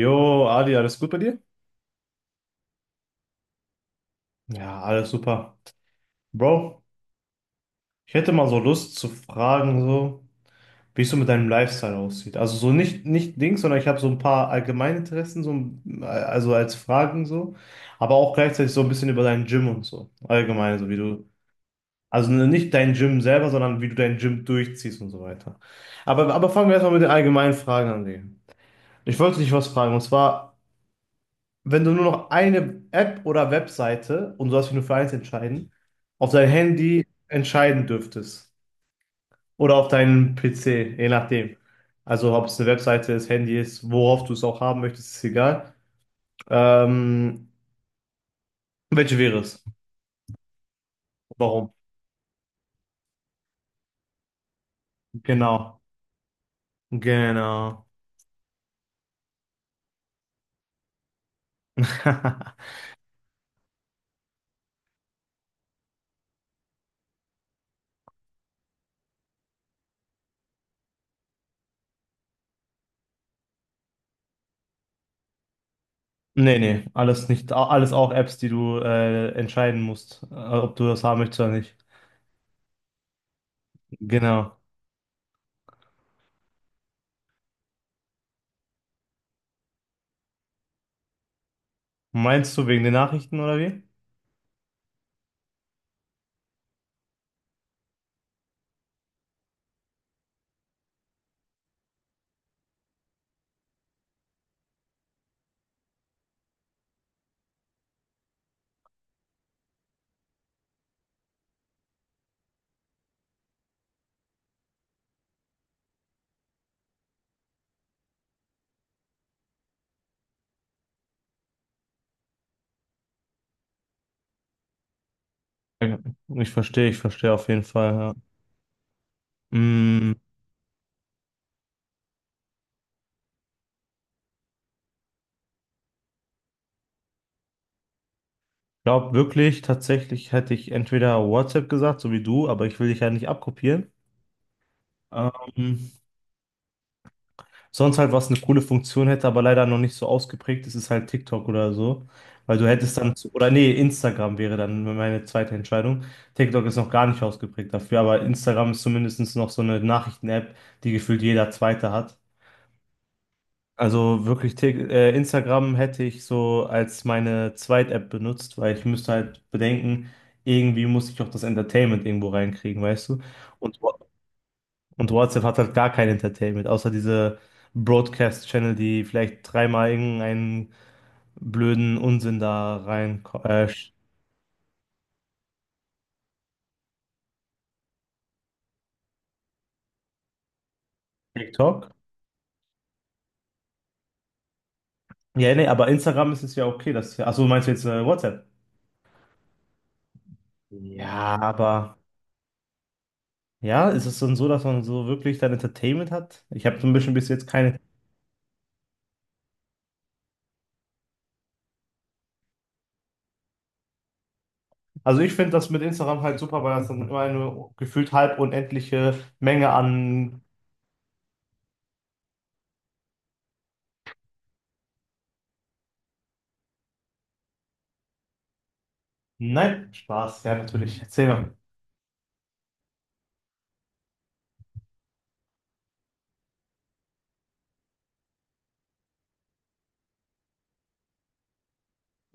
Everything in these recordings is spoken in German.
Jo, Adi, alles gut bei dir? Ja, alles super. Bro, ich hätte mal so Lust zu fragen, so, wie es so mit deinem Lifestyle aussieht. Also so nicht, nicht Dings, sondern ich habe so ein paar Allgemeininteressen, so, also als Fragen so, aber auch gleichzeitig so ein bisschen über dein Gym und so. Allgemein, so wie du, also nicht dein Gym selber, sondern wie du dein Gym durchziehst und so weiter. Aber fangen wir erstmal mit den allgemeinen Fragen an, Digga. Ich wollte dich was fragen, und zwar, wenn du nur noch eine App oder Webseite, und du darfst dich nur für eins entscheiden, auf dein Handy entscheiden dürftest. Oder auf deinen PC, je nachdem. Also ob es eine Webseite ist, Handy ist, worauf du es auch haben möchtest, ist egal. Ähm, welche wäre es? Warum? Genau. Genau. Nee, nee, alles nicht, alles auch Apps, die du entscheiden musst, ob du das haben möchtest oder nicht. Genau. Meinst du wegen den Nachrichten oder wie? Ja, ich verstehe, ich verstehe auf jeden Fall. Ja. Mm, glaub wirklich, tatsächlich hätte ich entweder WhatsApp gesagt, so wie du, aber ich will dich ja nicht abkopieren. Ähm, sonst halt, was eine coole Funktion hätte, aber leider noch nicht so ausgeprägt ist, ist halt TikTok oder so. Weil du hättest dann, oder nee, Instagram wäre dann meine zweite Entscheidung. TikTok ist noch gar nicht ausgeprägt dafür, aber Instagram ist zumindest noch so eine Nachrichten-App, die gefühlt jeder Zweite hat. Also wirklich Instagram hätte ich so als meine Zweit-App benutzt, weil ich müsste halt bedenken, irgendwie muss ich auch das Entertainment irgendwo reinkriegen, weißt du? Und, Wa- und WhatsApp hat halt gar kein Entertainment, außer diese Broadcast-Channel, die vielleicht dreimal irgendeinen blöden Unsinn da rein TikTok. Ja, nee, aber Instagram ist es ja okay, dass achso, meinst du jetzt WhatsApp? Ja, aber ja, ist es dann so, dass man so wirklich dann Entertainment hat? Ich habe so ein bisschen bis jetzt keine. Also ich finde das mit Instagram halt super, weil das dann immer eine gefühlt halb unendliche Menge an... Nein, Spaß, ja natürlich, erzähl mal.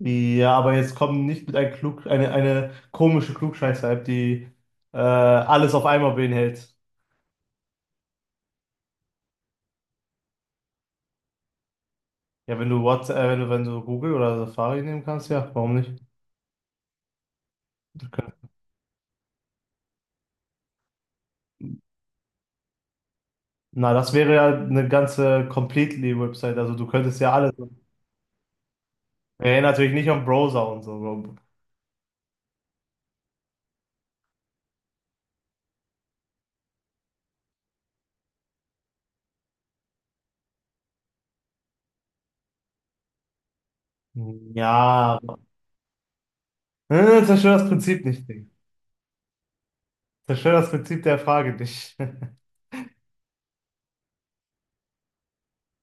Ja, aber jetzt kommen nicht mit ein Klug, eine komische Klugscheißer-App, die alles auf einmal beinhält. Ja, wenn du WhatsApp, wenn du, wenn du Google oder Safari nehmen kannst, ja, warum nicht? Du könnt- Na, das wäre ja eine ganze Completely-Website, also du könntest ja alles. Ja, natürlich nicht am Browser und so. Ja, aber- zerstör das Prinzip nicht. Zerstör das Prinzip der Frage nicht.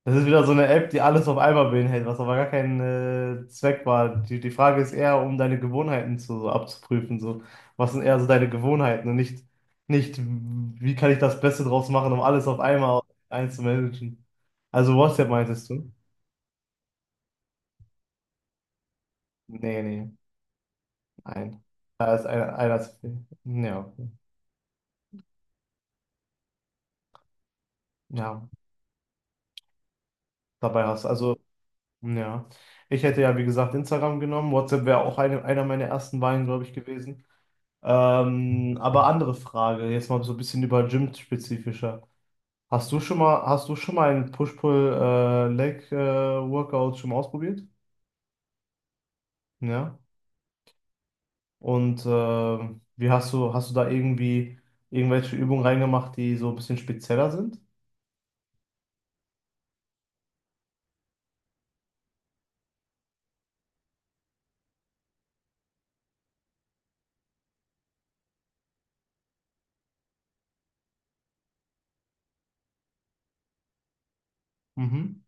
Das ist wieder so eine App, die alles auf einmal beinhält, was aber gar kein Zweck war. Die Frage ist eher, um deine Gewohnheiten zu, so abzuprüfen. So. Was sind eher so deine Gewohnheiten und nicht, nicht, wie kann ich das Beste draus machen, um alles auf einmal einzumanagen. Also WhatsApp meintest du? Nee, nee, nein. Da ist einer zu viel. Ja, okay. Ja, dabei hast du. Also, ja. Ich hätte ja, wie gesagt, Instagram genommen. WhatsApp wäre auch eine, einer meiner ersten Wahlen, glaube ich, gewesen. Aber andere Frage, jetzt mal so ein bisschen über Gym spezifischer. Hast du schon mal ein Push-Pull Leg Workout schon mal ausprobiert? Ja. Und wie hast du da irgendwie irgendwelche Übungen reingemacht, die so ein bisschen spezieller sind? Mhm.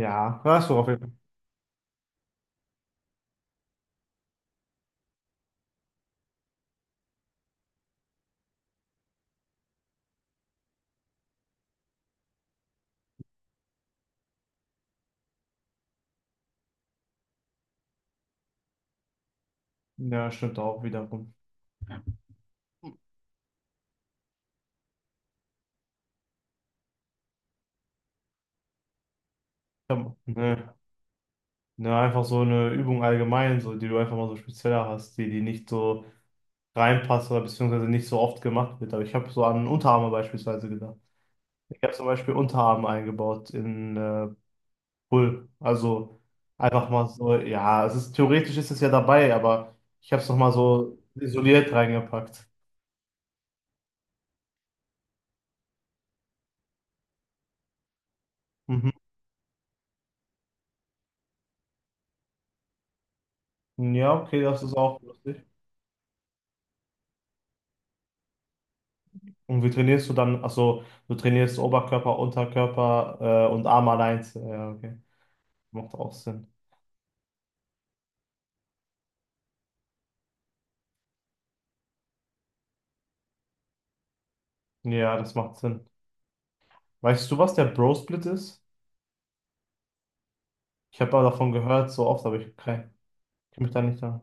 Ja, hast du auf jeden Fall. Ja, stimmt auch wiederum. Ja, ne, ne, einfach so eine Übung allgemein, so die du einfach mal so spezieller hast, die nicht so reinpasst oder beziehungsweise nicht so oft gemacht wird. Aber ich habe so an Unterarme beispielsweise gedacht. Ich habe zum Beispiel Unterarme eingebaut in Pull. Also einfach mal so, ja, es ist theoretisch ist es ja dabei, aber ich habe es nochmal so isoliert reingepackt. Mhm. Ja, okay, das ist auch lustig. Und wie trainierst du dann? Achso, du trainierst Oberkörper, Unterkörper und Arm allein. Ja, okay. Macht auch Sinn. Ja, das macht Sinn. Weißt du, was der Bro-Split ist? Ich habe aber davon gehört, so oft, aber ich habe keinen. Ich kann mich da nicht sagen.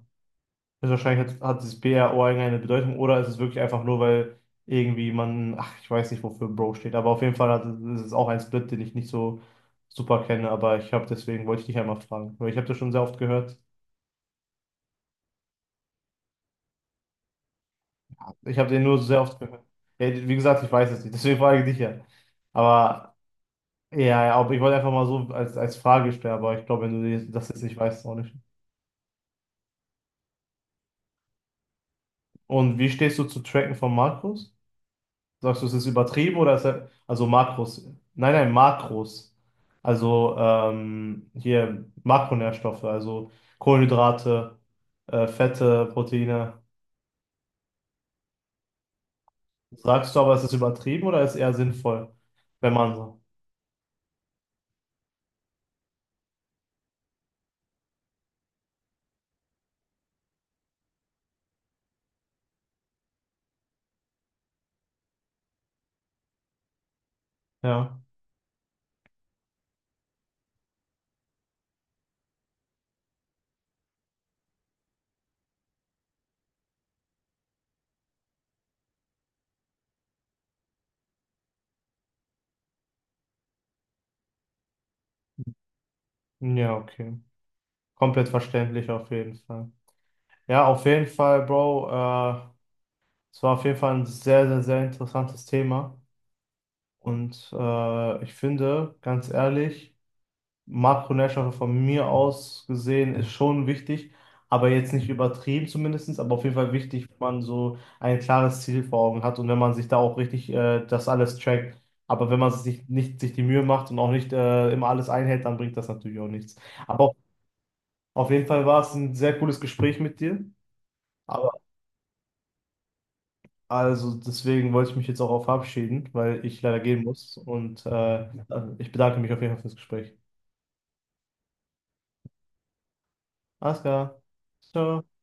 Also wahrscheinlich hat dieses B R O irgendeine Bedeutung oder ist es wirklich einfach nur, weil irgendwie man, ach, ich weiß nicht, wofür Bro steht, aber auf jeden Fall hat, ist es auch ein Split, den ich nicht so super kenne, aber ich habe deswegen wollte ich dich einmal fragen, weil ich habe das schon sehr oft gehört. Ich habe den nur sehr oft gehört. Ja, wie gesagt, ich weiß es nicht, deswegen frage ich dich ja. Aber ja, ja, aber ich wollte einfach mal so als, als Frage stellen, aber ich glaube, wenn du das jetzt nicht weißt, auch nicht. Und wie stehst du zu Tracken von Markus? Sagst du, es ist übertrieben oder ist er, also Makros? Nein, nein, Makros. Also hier Makronährstoffe, also Kohlenhydrate, Fette, Proteine. Sagst du aber, es ist übertrieben oder ist eher sinnvoll, wenn man so? Ja, ja, okay. Komplett verständlich auf jeden Fall. Ja, auf jeden Fall, Bro. Es war auf jeden Fall ein sehr interessantes Thema. Und ich finde, ganz ehrlich, Makronährstoffe von mir aus gesehen ist schon wichtig, aber jetzt nicht übertrieben zumindest, aber auf jeden Fall wichtig, wenn man so ein klares Ziel vor Augen hat und wenn man sich da auch richtig das alles trackt. Aber wenn man sich nicht sich die Mühe macht und auch nicht immer alles einhält, dann bringt das natürlich auch nichts. Aber auf auf jeden Fall war es ein sehr cooles Gespräch mit dir. Aber also deswegen wollte ich mich jetzt auch auf verabschieden, weil ich leider gehen muss. Und ich bedanke mich auf jeden Fall fürs Gespräch. Alles klar. Ciao.